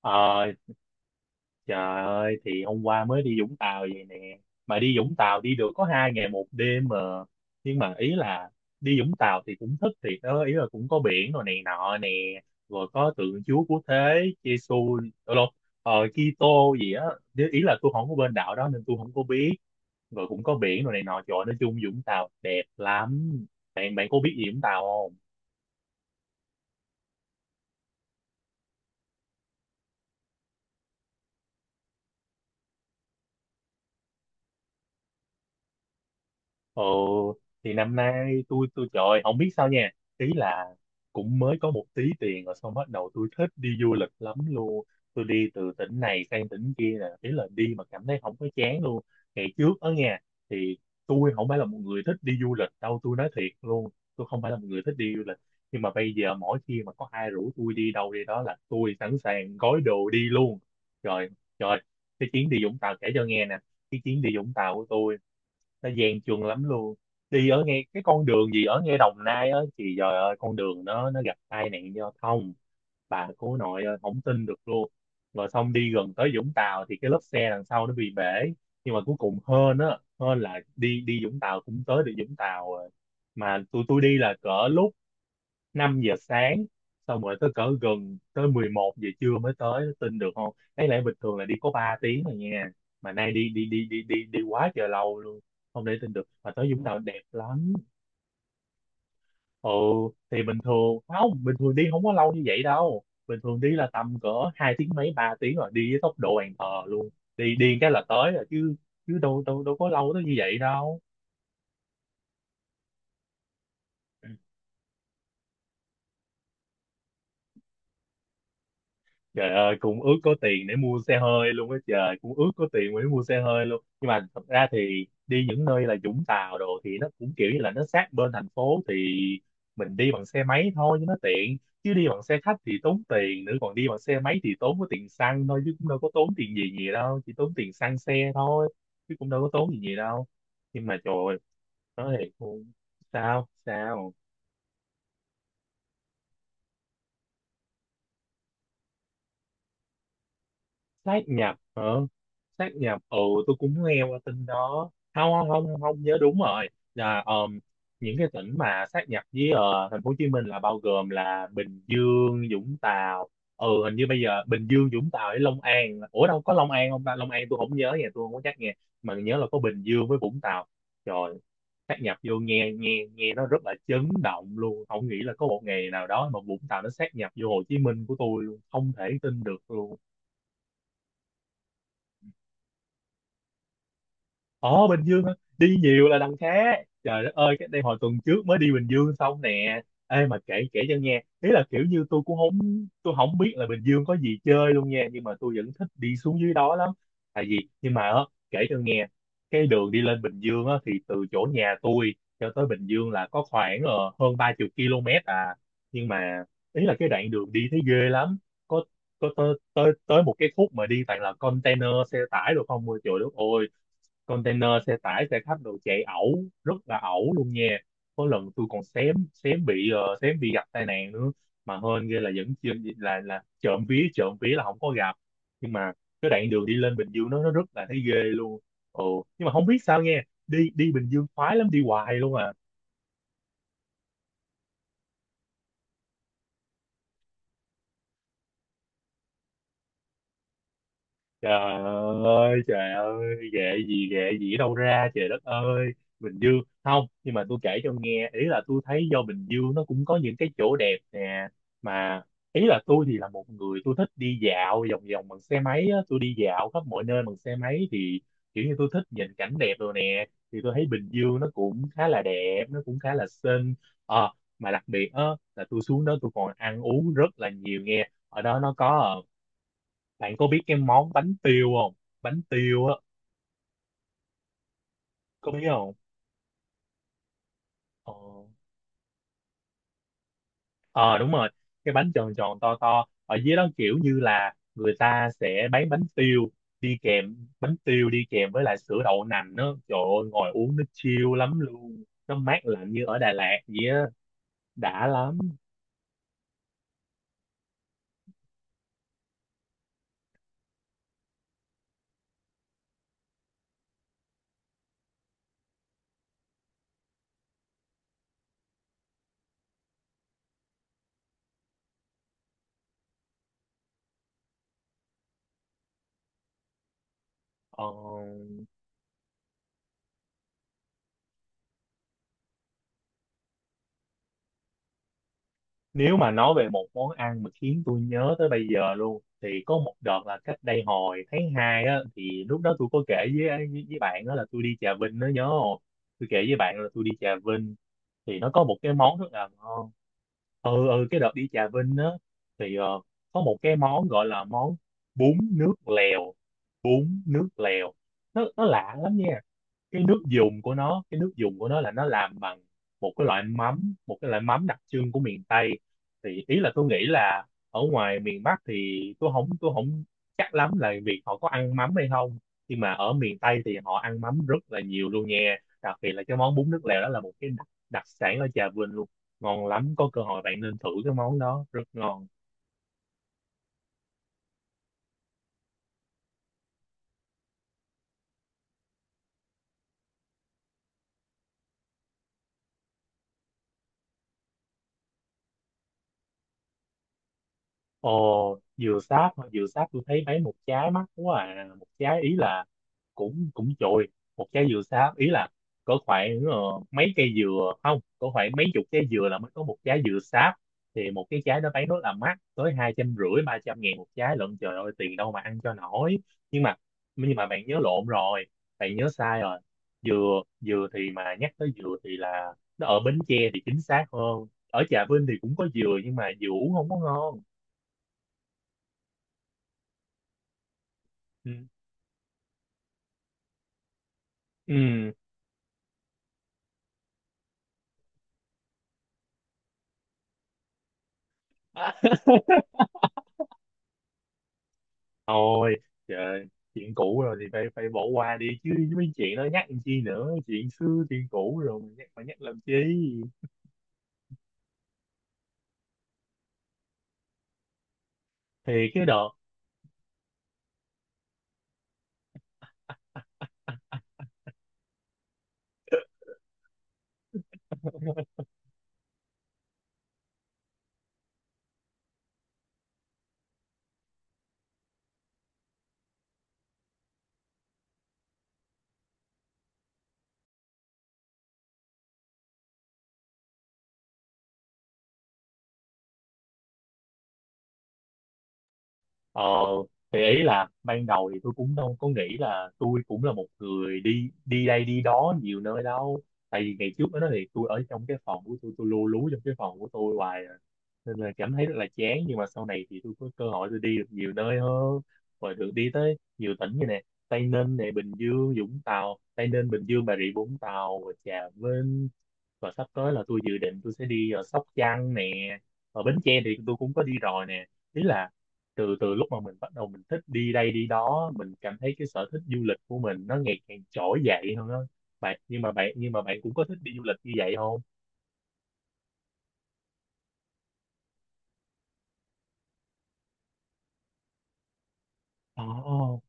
Ờ, trời ơi thì hôm qua mới đi Vũng Tàu vậy nè, mà đi Vũng Tàu đi được có 2 ngày 1 đêm mà, nhưng mà ý là đi Vũng Tàu thì cũng thích thiệt đó, ý là cũng có biển rồi này nọ nè, rồi có tượng Chúa Cứu Thế Giêsu đâu đâu Kitô gì á. Ý là tôi không có bên đạo đó nên tôi không có biết, rồi cũng có biển rồi này nọ. Trời ơi, nói chung Vũng Tàu đẹp lắm. Bạn bạn có biết gì Vũng Tàu không? Ồ, thì năm nay tôi trời ơi, không biết sao nha. Ý là cũng mới có một tí tiền rồi xong bắt đầu tôi thích đi du lịch lắm luôn. Tôi đi từ tỉnh này sang tỉnh kia nè, ý là đi mà cảm thấy không có chán luôn. Ngày trước ở nhà thì tôi không phải là một người thích đi du lịch đâu, tôi nói thiệt luôn. Tôi không phải là một người thích đi du lịch. Nhưng mà bây giờ mỗi khi mà có ai rủ tôi đi đâu đi đó là tôi sẵn sàng gói đồ đi luôn. Trời, trời, cái chuyến đi Vũng Tàu kể cho nghe nè. Cái chuyến đi Vũng Tàu của tôi nó gian truân lắm luôn, đi ở ngay cái con đường gì ở ngay Đồng Nai á thì trời ơi, con đường nó gặp tai nạn giao thông, bà cố nội ơi, không tin được luôn. Rồi xong đi gần tới Vũng Tàu thì cái lốp xe đằng sau nó bị bể, nhưng mà cuối cùng hên á hên là đi đi Vũng Tàu cũng tới được Vũng Tàu rồi. Mà tụi tôi đi là cỡ lúc 5 giờ sáng, xong rồi tới cỡ gần tới 11 giờ trưa mới tới, tin được không, đáng lẽ bình thường là đi có 3 tiếng rồi nha, mà nay đi đi đi đi đi đi quá trời lâu luôn, không để tin được. Mà tới Vũng Tàu đẹp lắm. Ừ, thì bình thường không, bình thường đi không có lâu như vậy đâu, bình thường đi là tầm cỡ 2 tiếng mấy 3 tiếng rồi, đi với tốc độ bàn thờ luôn, đi đi cái là tới rồi chứ, chứ đâu đâu đâu có lâu tới như vậy đâu. Ừ. Trời ơi, cũng ước có tiền để mua xe hơi luôn á, trời, cũng ước có tiền để mua xe hơi luôn. Nhưng mà thật ra thì đi những nơi là Vũng Tàu đồ thì nó cũng kiểu như là nó sát bên thành phố thì mình đi bằng xe máy thôi cho nó tiện. Chứ đi bằng xe khách thì tốn tiền nữa, còn đi bằng xe máy thì tốn có tiền xăng thôi, chứ cũng đâu có tốn tiền gì gì đâu, chỉ tốn tiền xăng xe thôi, chứ cũng đâu có tốn gì gì đâu. Nhưng mà trời ơi, nói thiệt luôn, sao sao sát nhập hả? Sát nhập, ừ. Tôi cũng nghe qua tin đó, không không không không nhớ đúng rồi, là những cái tỉnh mà sát nhập với thành phố Hồ Chí Minh là bao gồm là Bình Dương, Vũng Tàu, ừ hình như bây giờ Bình Dương, Vũng Tàu với Long An, ủa đâu có Long An không ta, Long An tôi không nhớ nha, tôi không có chắc nghe, mà nhớ là có Bình Dương với Vũng Tàu rồi sát nhập vô, nghe nghe nghe nó rất là chấn động luôn, không nghĩ là có một ngày nào đó mà Vũng Tàu nó sát nhập vô Hồ Chí Minh của tôi luôn, không thể tin được luôn. Ồ, Bình Dương hả? Đi nhiều là đằng khác. Trời đất ơi, cái đây hồi tuần trước mới đi Bình Dương xong nè. Ê, mà kể kể cho nghe, ý là kiểu như tôi cũng không, tôi không biết là Bình Dương có gì chơi luôn nha, nhưng mà tôi vẫn thích đi xuống dưới đó lắm. Tại vì, nhưng mà á, kể cho nghe, cái đường đi lên Bình Dương á thì từ chỗ nhà tôi cho tới Bình Dương là có khoảng hơn 30 km à. Nhưng mà ý là cái đoạn đường đi thấy ghê lắm. Có có tới tới tới một cái khúc mà đi toàn là container xe tải rồi không, ôi trời đất ơi, container xe tải xe khách đồ chạy ẩu, rất là ẩu luôn nha, có lần tôi còn xém xém bị ờ, xém bị gặp tai nạn nữa, mà hên ghê là vẫn chưa, là trộm vía là không có gặp, nhưng mà cái đoạn đường đi lên Bình Dương nó rất là thấy ghê luôn. Ồ, nhưng mà không biết sao, nghe đi đi Bình Dương khoái lắm, đi hoài luôn à. Trời trời ơi, ghệ gì ở đâu ra, trời đất ơi. Bình Dương không, nhưng mà tôi kể cho nghe, ý là tôi thấy do Bình Dương nó cũng có những cái chỗ đẹp nè, mà ý là tôi thì là một người tôi thích đi dạo vòng vòng bằng xe máy á, tôi đi dạo khắp mọi nơi bằng xe máy thì kiểu như tôi thích nhìn cảnh đẹp rồi nè, thì tôi thấy Bình Dương nó cũng khá là đẹp, nó cũng khá là xinh. Ờ, mà đặc biệt á là tôi xuống đó tôi còn ăn uống rất là nhiều nghe. Ở đó nó có bạn có biết cái món bánh tiêu không? Bánh tiêu á, có biết không? Ờ, ờ, đúng rồi, cái bánh tròn tròn to to. Ở dưới đó kiểu như là người ta sẽ bán bánh tiêu đi kèm, bánh tiêu đi kèm với lại sữa đậu nành đó. Trời ơi, ngồi uống nó chill lắm luôn. Nó mát lạnh như ở Đà Lạt vậy á, đã lắm. Ờ, nếu mà nói về một món ăn mà khiến tôi nhớ tới bây giờ luôn thì có một đợt là cách đây hồi tháng 2 á, thì lúc đó tôi có kể với bạn đó là tôi đi Trà Vinh đó nhớ không? Tôi kể với bạn là tôi đi Trà Vinh thì nó có một cái món rất là ngon. Ừ, ừ, cái đợt đi Trà Vinh á thì có một cái món gọi là món bún nước lèo, bún nước lèo. Nó lạ lắm nha, cái nước dùng của nó, cái nước dùng của nó là nó làm bằng một cái loại mắm, một cái loại mắm đặc trưng của miền Tây, thì ý là tôi nghĩ là ở ngoài miền Bắc thì tôi không chắc lắm là việc họ có ăn mắm hay không, nhưng mà ở miền Tây thì họ ăn mắm rất là nhiều luôn nha, đặc biệt là cái món bún nước lèo đó là một cái đặc sản ở Trà Vinh luôn, ngon lắm, có cơ hội bạn nên thử cái món đó, rất ngon. Ồ, dừa sáp hả? Dừa sáp tôi thấy mấy, một trái mắc quá à, một trái ý là cũng cũng chồi, một trái dừa sáp ý là có khoảng mấy cây dừa không có khoảng mấy chục trái dừa là mới có một trái dừa sáp, thì một cái trái đó bán rất là mắc tới 250-300 ngàn một trái lận, trời ơi, tiền đâu mà ăn cho nổi. Nhưng mà nhưng mà bạn nhớ lộn rồi, bạn nhớ sai rồi, dừa, dừa thì, mà nhắc tới dừa thì là nó ở Bến Tre thì chính xác hơn, ở Trà Vinh thì cũng có dừa nhưng mà dừa uống không có ngon. Ừ. Ừ. Thôi, trời, chuyện cũ rồi thì phải phải bỏ qua đi chứ, mấy chuyện đó nhắc làm chi nữa, chuyện xưa chuyện cũ rồi mà nhắc làm chi. Thì cái đợt. Ờ, thì ý là ban đầu thì tôi cũng đâu có nghĩ là tôi cũng là một người đi đi đây đi đó nhiều nơi đâu, tại vì ngày trước đó thì tôi ở trong cái phòng của tôi lu lú trong cái phòng của tôi hoài à, nên là cảm thấy rất là chán, nhưng mà sau này thì tôi có cơ hội tôi đi được nhiều nơi hơn, rồi được đi tới nhiều tỉnh như nè: Tây Ninh này, Bình Dương, Vũng Tàu, Tây Ninh, Bình Dương, Bà Rịa Vũng Tàu và Trà Vinh, và sắp tới là tôi dự định tôi sẽ đi ở Sóc Trăng nè, ở Bến Tre thì tôi cũng có đi rồi nè, ý là từ từ lúc mà mình bắt đầu mình thích đi đây đi đó mình cảm thấy cái sở thích du lịch của mình nó ngày càng trỗi dậy hơn đó bạn, nhưng mà bạn nhưng mà bạn cũng có thích đi du lịch như vậy không? Ồ,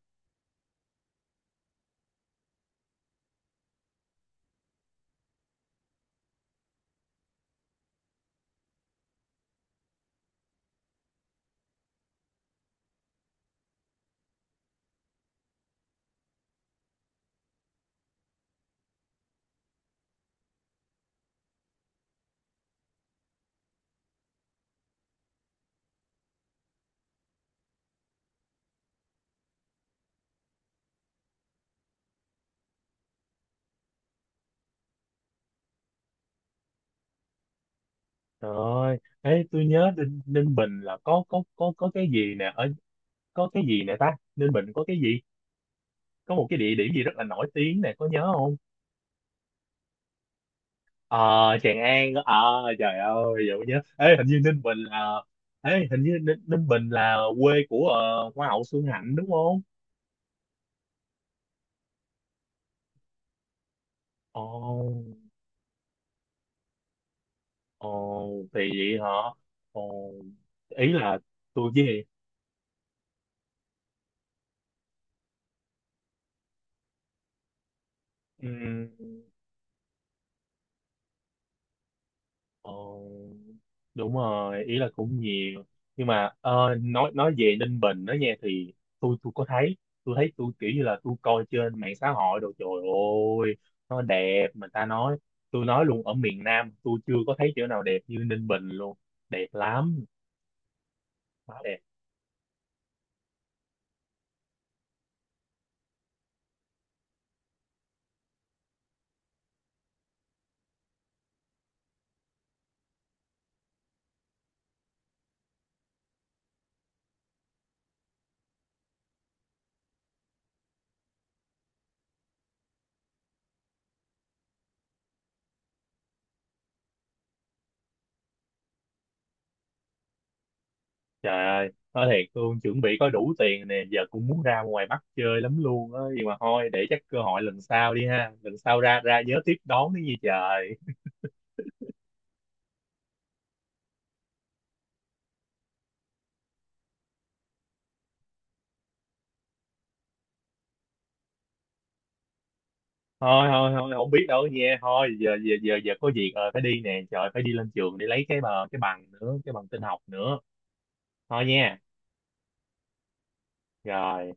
trời ơi. Ê, tôi nhớ Ninh Bình là có cái gì nè, ở có cái gì nè ta? Ninh Bình có cái gì? Có một cái địa điểm gì rất là nổi tiếng nè, có nhớ không? Ờ, Tràng An. Ờ, trời ơi, giờ mới nhớ. Ê, hình như Ninh Bình là. Ê, hình như Ninh Bình là quê của Hoa hậu Xuân Hạnh đúng không? Ồ. Ồ, thì vậy hả? Ồ, ý là tôi với um, ồ, đúng rồi, ý là cũng nhiều. Nhưng mà nói về Ninh Bình đó nha thì tôi có thấy tôi kiểu như là tôi coi trên mạng xã hội đồ, trời ơi, nó đẹp mà ta nói, tôi nói luôn ở miền Nam tôi chưa có thấy chỗ nào đẹp như Ninh Bình luôn. Đẹp lắm, quá đẹp. Trời ơi, nói thiệt luôn, chuẩn bị có đủ tiền nè, giờ cũng muốn ra ngoài Bắc chơi lắm luôn á, nhưng mà thôi, để chắc cơ hội lần sau đi ha, lần sau ra ra nhớ tiếp đón đi gì trời. Thôi, thôi, thôi, không biết đâu nha, thôi, giờ giờ giờ giờ có việc rồi, phải đi nè, trời, phải đi lên trường để lấy cái bờ, cái bằng nữa, cái bằng tin học nữa. Thôi nha, rồi.